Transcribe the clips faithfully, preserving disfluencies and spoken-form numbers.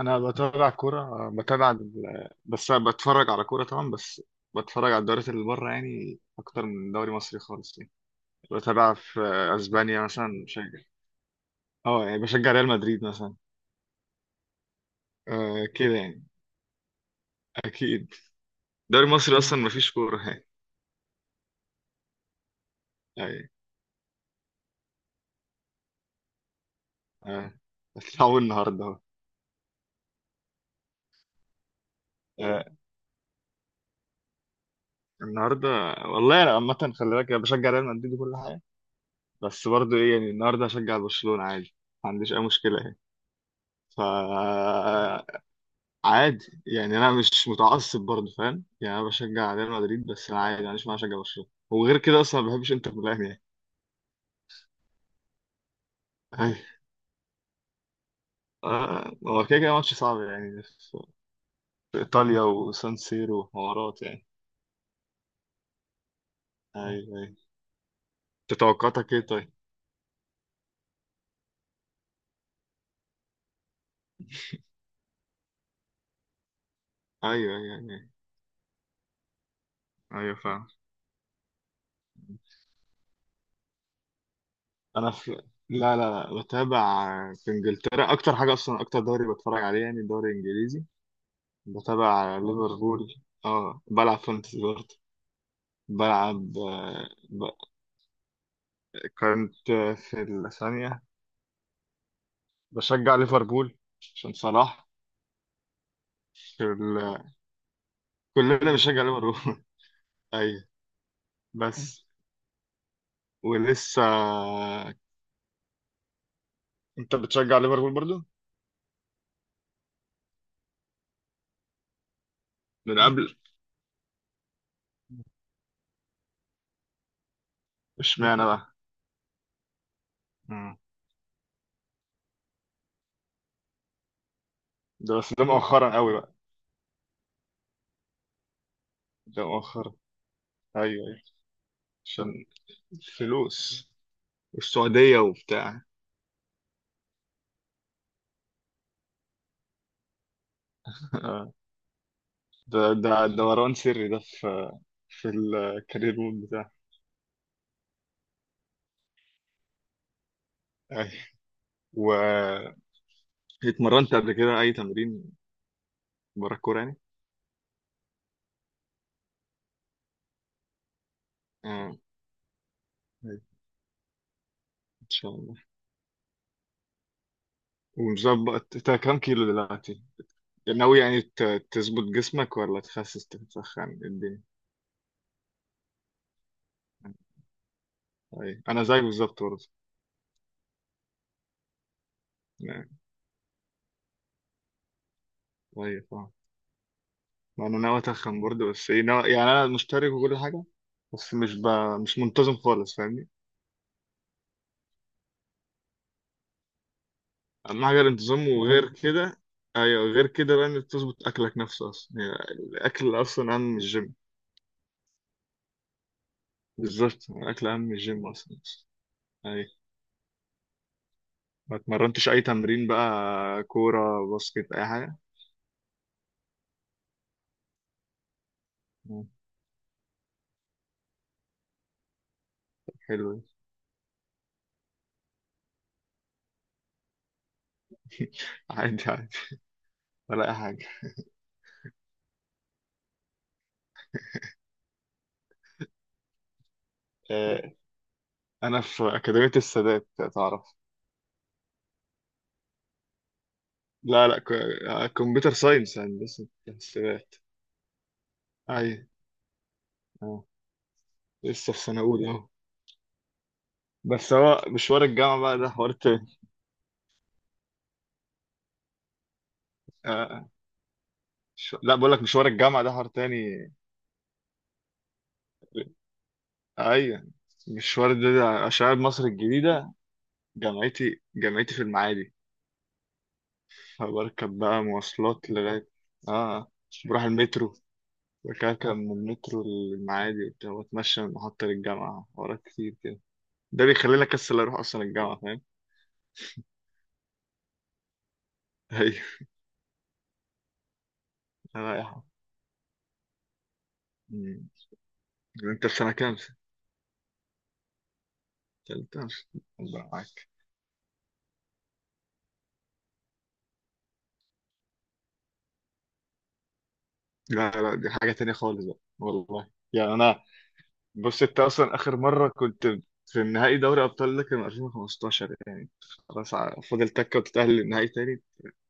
انا بتابع كوره بتابع ال- بس أنا بتفرج على كوره طبعا بس بتفرج على الدوريات اللي بره، يعني اكتر من دوري مصري خالص يعني. بتابع في اسبانيا مثلا، بشجع، اه يعني بشجع ريال مدريد مثلا. آه كده يعني. اكيد دوري مصري اصلا مفيش كوره يعني. يعني آه بس هو النهارده اهو. آه النهارده، والله انا عامه خلي بالك أنا بشجع ريال مدريد وكل حاجه، بس برضه ايه يعني النهارده هشجع برشلونه عادي، ما عنديش اي مشكله يعني. ف عادي يعني، انا مش متعصب برضه، فاهم يعني انا بشجع ريال مدريد بس انا عادي، معلش ما اشجع برشلونه، وغير كده اصلا ما بحبش انتر ميلان يعني. أيوة. آه، هو كده كده ماتش صعب يعني، في في ايطاليا وسان سيرو وحوارات يعني. ايوه ايوه. انت توقعاتك ايه طيب؟ ايوه ايوه ايوه. ايوه فاهم. انا في لا لا لا بتابع في انجلترا، اكتر حاجه اصلا اكتر دوري بتفرج عليه يعني الدوري الانجليزي. بتابع ليفربول. اه بلعب فانتسي برضه. بلعب آه، كنت في الثانية. بشجع ليفربول عشان صلاح. في ال... كلنا بنشجع ليفربول. أيوة بس ولسه. أنت بتشجع ليفربول برضو من قبل؟ اشمعنى بقى؟ مم. ده بس ده مؤخرا قوي بقى. ده مؤخرا. أيوة أيوة عشان الفلوس والسعودية وبتاع. آه. ده ده ده دوران سري ده، في في الكارير مود بتاعي. أيوة. واتمرنت قبل كده أي تمرين برا الكورة يعني؟ آه. شاء الله. ومظبط، انت كام كيلو دلوقتي؟ ناوي يعني ت- تظبط جسمك ولا تخسس تتخن الدنيا؟ طيب انا زيك بالظبط برضه يعني. طيب اه ما انا ناوي اتخن برضه، بس ايه ناوي يعني، انا مشترك وكل حاجه بس مش ب... مش منتظم خالص فاهمني؟ اهم حاجه الانتظام، وغير كده ايوه غير كده بقى انك تظبط اكلك نفسه، اصلا يعني الاكل اصلا اهم من الجيم. بالظبط، الاكل اهم من الجيم اصلا. ايوه، ما اتمرنتش اي تمرين بقى، كوره باسكت اي حاجه؟ حلو. عادي عادي، ولا أي حاجة. آه، أنا في أكاديمية السادات، تعرف؟ لا لا ك- آه، كمبيوتر ساينس، هندسة حسابات. أيوة. أه. لسه في سنة أولى أهو، بس هو مشوار الجامعة بقى ده حوار تاني. آه. ش... لا بقول لك مشوار الجامعة ده حوار تاني. أيوة المشوار ده، ده عشان أنا مصر الجديدة، جامعتي جامعتي في المعادي، فبركب بقى مواصلات لغاية، اه بروح المترو، بكعكع من المترو للمعادي وبتاع، واتمشى من محطة للجامعة ورا كتير كده. ده بيخليني اكسل اروح اصلا الجامعة، فاهم؟ ايوه انا رايحة. أمم. انت في سنة كام سنة؟ تالتة. الله معاك. لا لا دي حاجة تانية خالص بقى، والله يعني انا بص انت اصلا اخر مرة كنت في النهائي دوري ابطال، ده كان ألفين وخمسة عشر يعني، خلاص ع- فاضل تكة وتتأهل للنهائي تاني.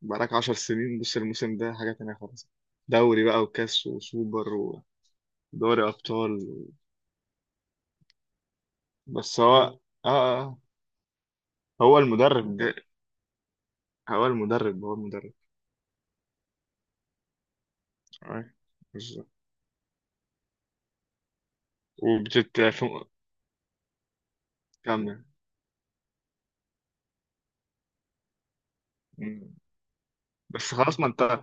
بقالك 10 سنين. بص الموسم ده حاجة تانية خالص، دوري بقى وكاس وسوبر ودوري ابطال. بس هو اه آه، آه. هو المدرب ده، هو المدرب، هو المدرب آه، بالظبط. وبتت كمل. مم. بس خلاص ما انت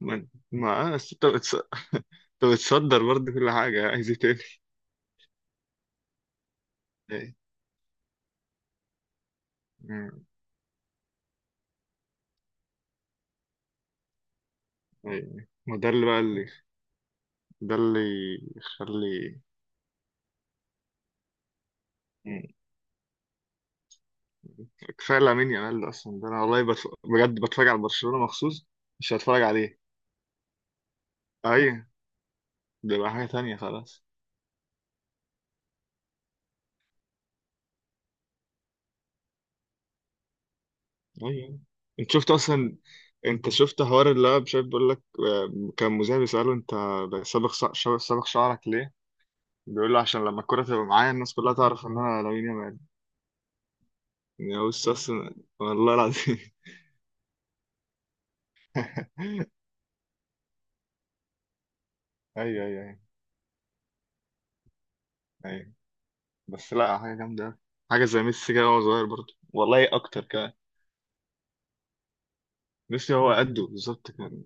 ما, ما آه، بس انت بتص- انت بتصدر برضه كل حاجة، عايز ايه تاني؟ ايه مم، ايه. ما ده اللي بقى اللي، ده اللي يخلي. مم. كفاية لامين يامال ده اصلا، ده انا والله بتف... بجد بتفرج على برشلونة مخصوص، مش هتفرج عليه؟ ايوه، ده بقى حاجة تانية خلاص. ايوه. انت شفت اصلا، انت شفت حوار اللي هو مش عارف، بيقول لك آه، كان مذيع بيسأله انت صابغ ص- شا- صابغ شعرك ليه؟ بيقول له عشان لما الكرة تبقى معايا الناس كلها تعرف ان انا لامين يامال. يا بص اصلا والله العظيم. ايوه ايوه ايوه. ايوه بس لا حاجة جامدة أوي. حاجة زي ميسي كده وهو صغير، برضه والله اكتر كمان. ميسي هو قده بالظبط كان.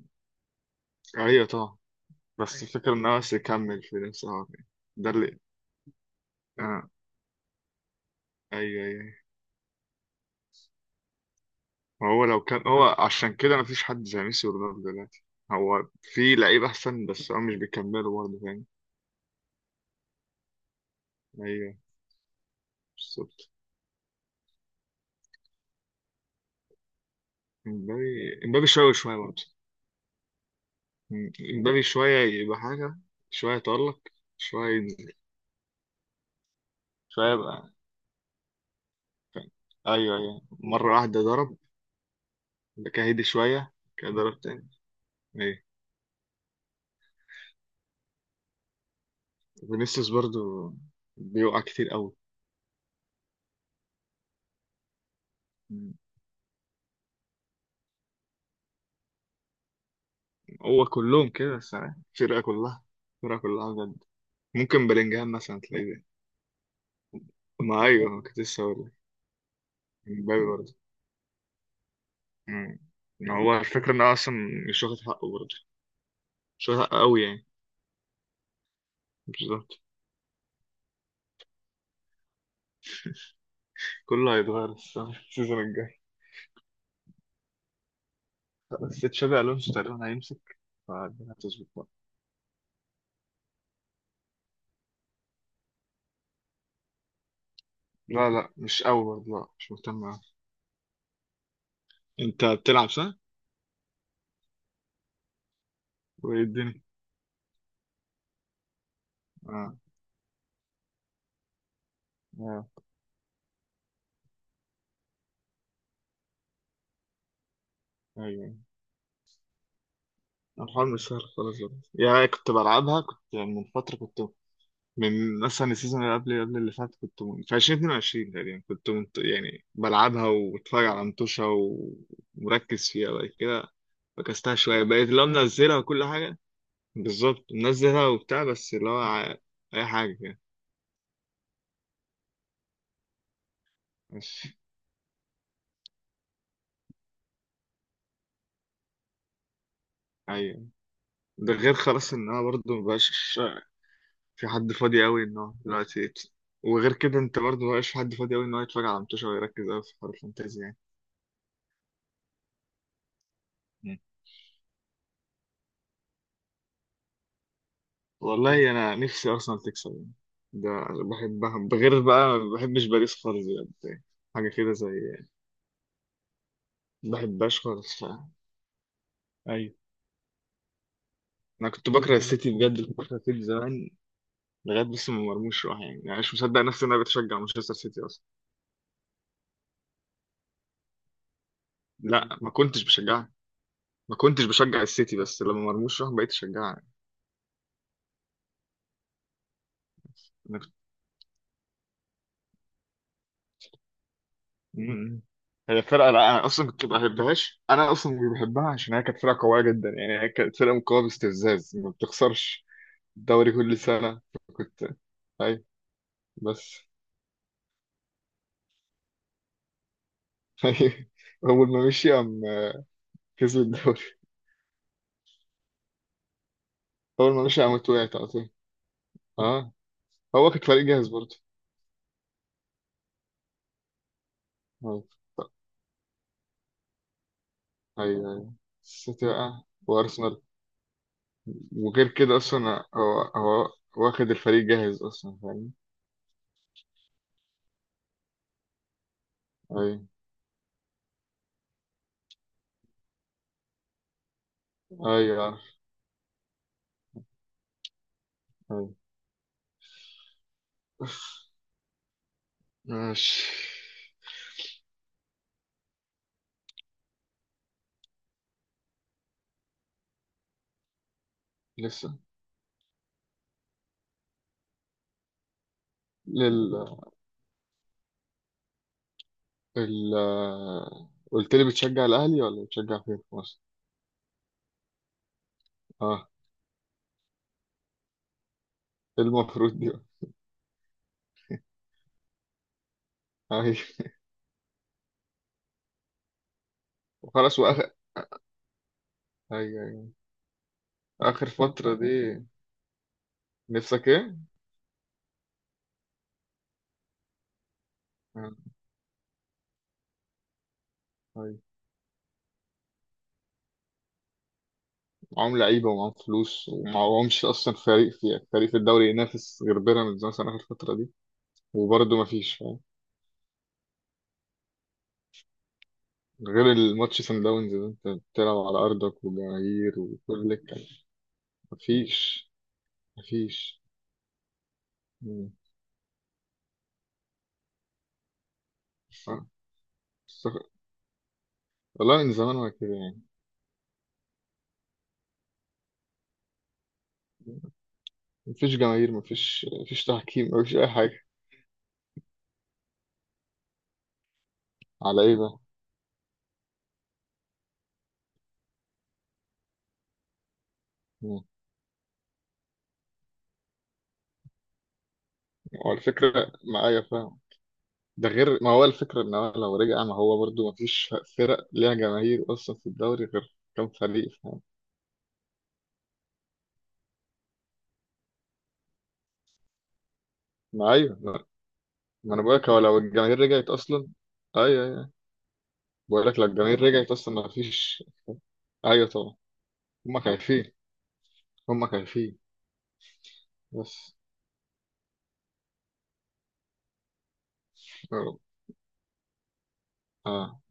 ايوه طبعا. بس الفكرة ان هو بس يكمل في نفسه هو. كده. ده اللي آه. ايوه ايوه. هو لو كان هو، عشان كده مفيش حد زي ميسي ورونالدو دلوقتي، هو في لعيب احسن بس هو مش بيكملوا برضه فاهم. ايوه بالظبط. امبابي امبابي شويه شويه برضه. أمم، امبابي شويه يبقى حاجه، شويه يتألق، شويه ينزل، شويه يبقى فاهم. ايوه ايوه مره واحده ضرب، كده هدي شويه كده ضرب تاني. ايوه. فينيسيوس برضه بيوقع كتير قوي. أمم، هو كلهم كده الصراحه، الفرقه كلها، الفرقه كلها بجد. ممكن بلينجهام مثلا تلاقيه، ما ايوه كنت لسه هقول لك. مبابي برضه. مم. ما هو الفكرة ان هو اصلا مش واخد حقه برضه، مش واخد حقه قوي يعني. بالظبط. كله هيتغير الصراحة في السيزون الجاي، بس تشابي الونسو تقريبا هيمسك، فالدنيا هتظبط بقى. لا لا مش قوي برضه، لا مش مهتم أوي. انت بتلعب صح؟ وايه الدنيا؟ اه اه. ايوه أيوة. الحوار مش سهل خالص برضه. يا كنت بلعبها كنت يعني من فترة، كنت من مثلا السيزون اللي قبل قبل اللي فات، كنت من... في ألفين واتنين وعشرين تقريبا، كنت منت... يعني بلعبها وبتفرج على متوشة و- ومركز فيها بعد كده. فكستها شوية، بقيت اللي هو منزلها وكل حاجة، بالظبط منزلها وبتاع بس اللي هو ع- أي حاجة كده. بس أيوة، ده غير خلاص إن أنا برضه مبقاش في حد فاضي أوي إن هو دلوقتي يت- وغير كده أنت برضه مبقاش في حد فاضي أوي إن هو يتفرج على متوشة ويركز أوي في حوار الفانتازيا يعني. والله انا نفسي ارسنال تكسب يعني، ده بحبها بغير بقى، ما بحبش باريس خالص بجد يعني. حاجه كده زي، ما بحبهاش خالص ف... ايوه. انا كنت بكره السيتي بجد، كنت بكره السيتي زمان لغايه، بس ما مرموش راح يعني، يعني مش مصدق نفسي ان انا بتشجع مانشستر سيتي اصلا. لا ما كنتش بشجعها، ما كنتش بشجع السيتي، بس لما مرموش راح بقيت اشجعها يعني. انا كنت... م- م. هي الفرقه، لا انا اصلا كنت ما بحبهاش، انا اصلا مش بحبها عشان هي كانت فرقه قويه جدا يعني، هي كانت فرقه مقاومه باستفزاز ما بتخسرش دوري كل سنة. كنت أي بس أي. أول ما مشي قام كسب الدوري، أول ما مشي قام وقعت على طول. أه، هو كان فريق جاهز برضه. أه. أيوه أيوه السيتي بقى وأرسنال. وغير كده أصلا هو هو واخد الفريق جاهز أصلا فاهم. أيوه أيوه عارف. أيوه ماشي. لسه. لل ال قلت لي بتشجع الأهلي ولا بتشجع فين في مصر؟ أه. إيه المفروض دي بقى؟ أيوه وخلاص وآخر. ايوه ايوه اخر فترة دي. نفسك ايه؟ آه، أيوة. معاهم لعيبة ومعاهم فلوس، ومعاهمش اصلا فريق، في فريق في الدوري ينافس غير بيراميدز مثلا اخر فترة دي. وبرضه مفيش فاهم غير الماتش سان داونز ده، انت بتلعب على ارضك وجماهير وكل الكلام. مفيش مفيش مم. آه. استغ- والله من زمان ما كده يعني. مفيش جماهير، مفيش مفيش تحكيم، مفيش اي حاجة. على ايه ده؟ مم. وعلى فكرة معايا فاهم، ده غير ما هو الفكرة ان هو لو رجع ما هو برضو ما فيش فرق ليها جماهير اصلا في الدوري غير كام فريق فاهم. ما ايوه ما ما انا بقولك هو لو الجماهير رجعت اصلا، ايوه ايوه، بقولك لو الجماهير رجعت اصلا ما فيش. ايوه طبعا. هما خايفين، هما خايفين بس يا رب. اه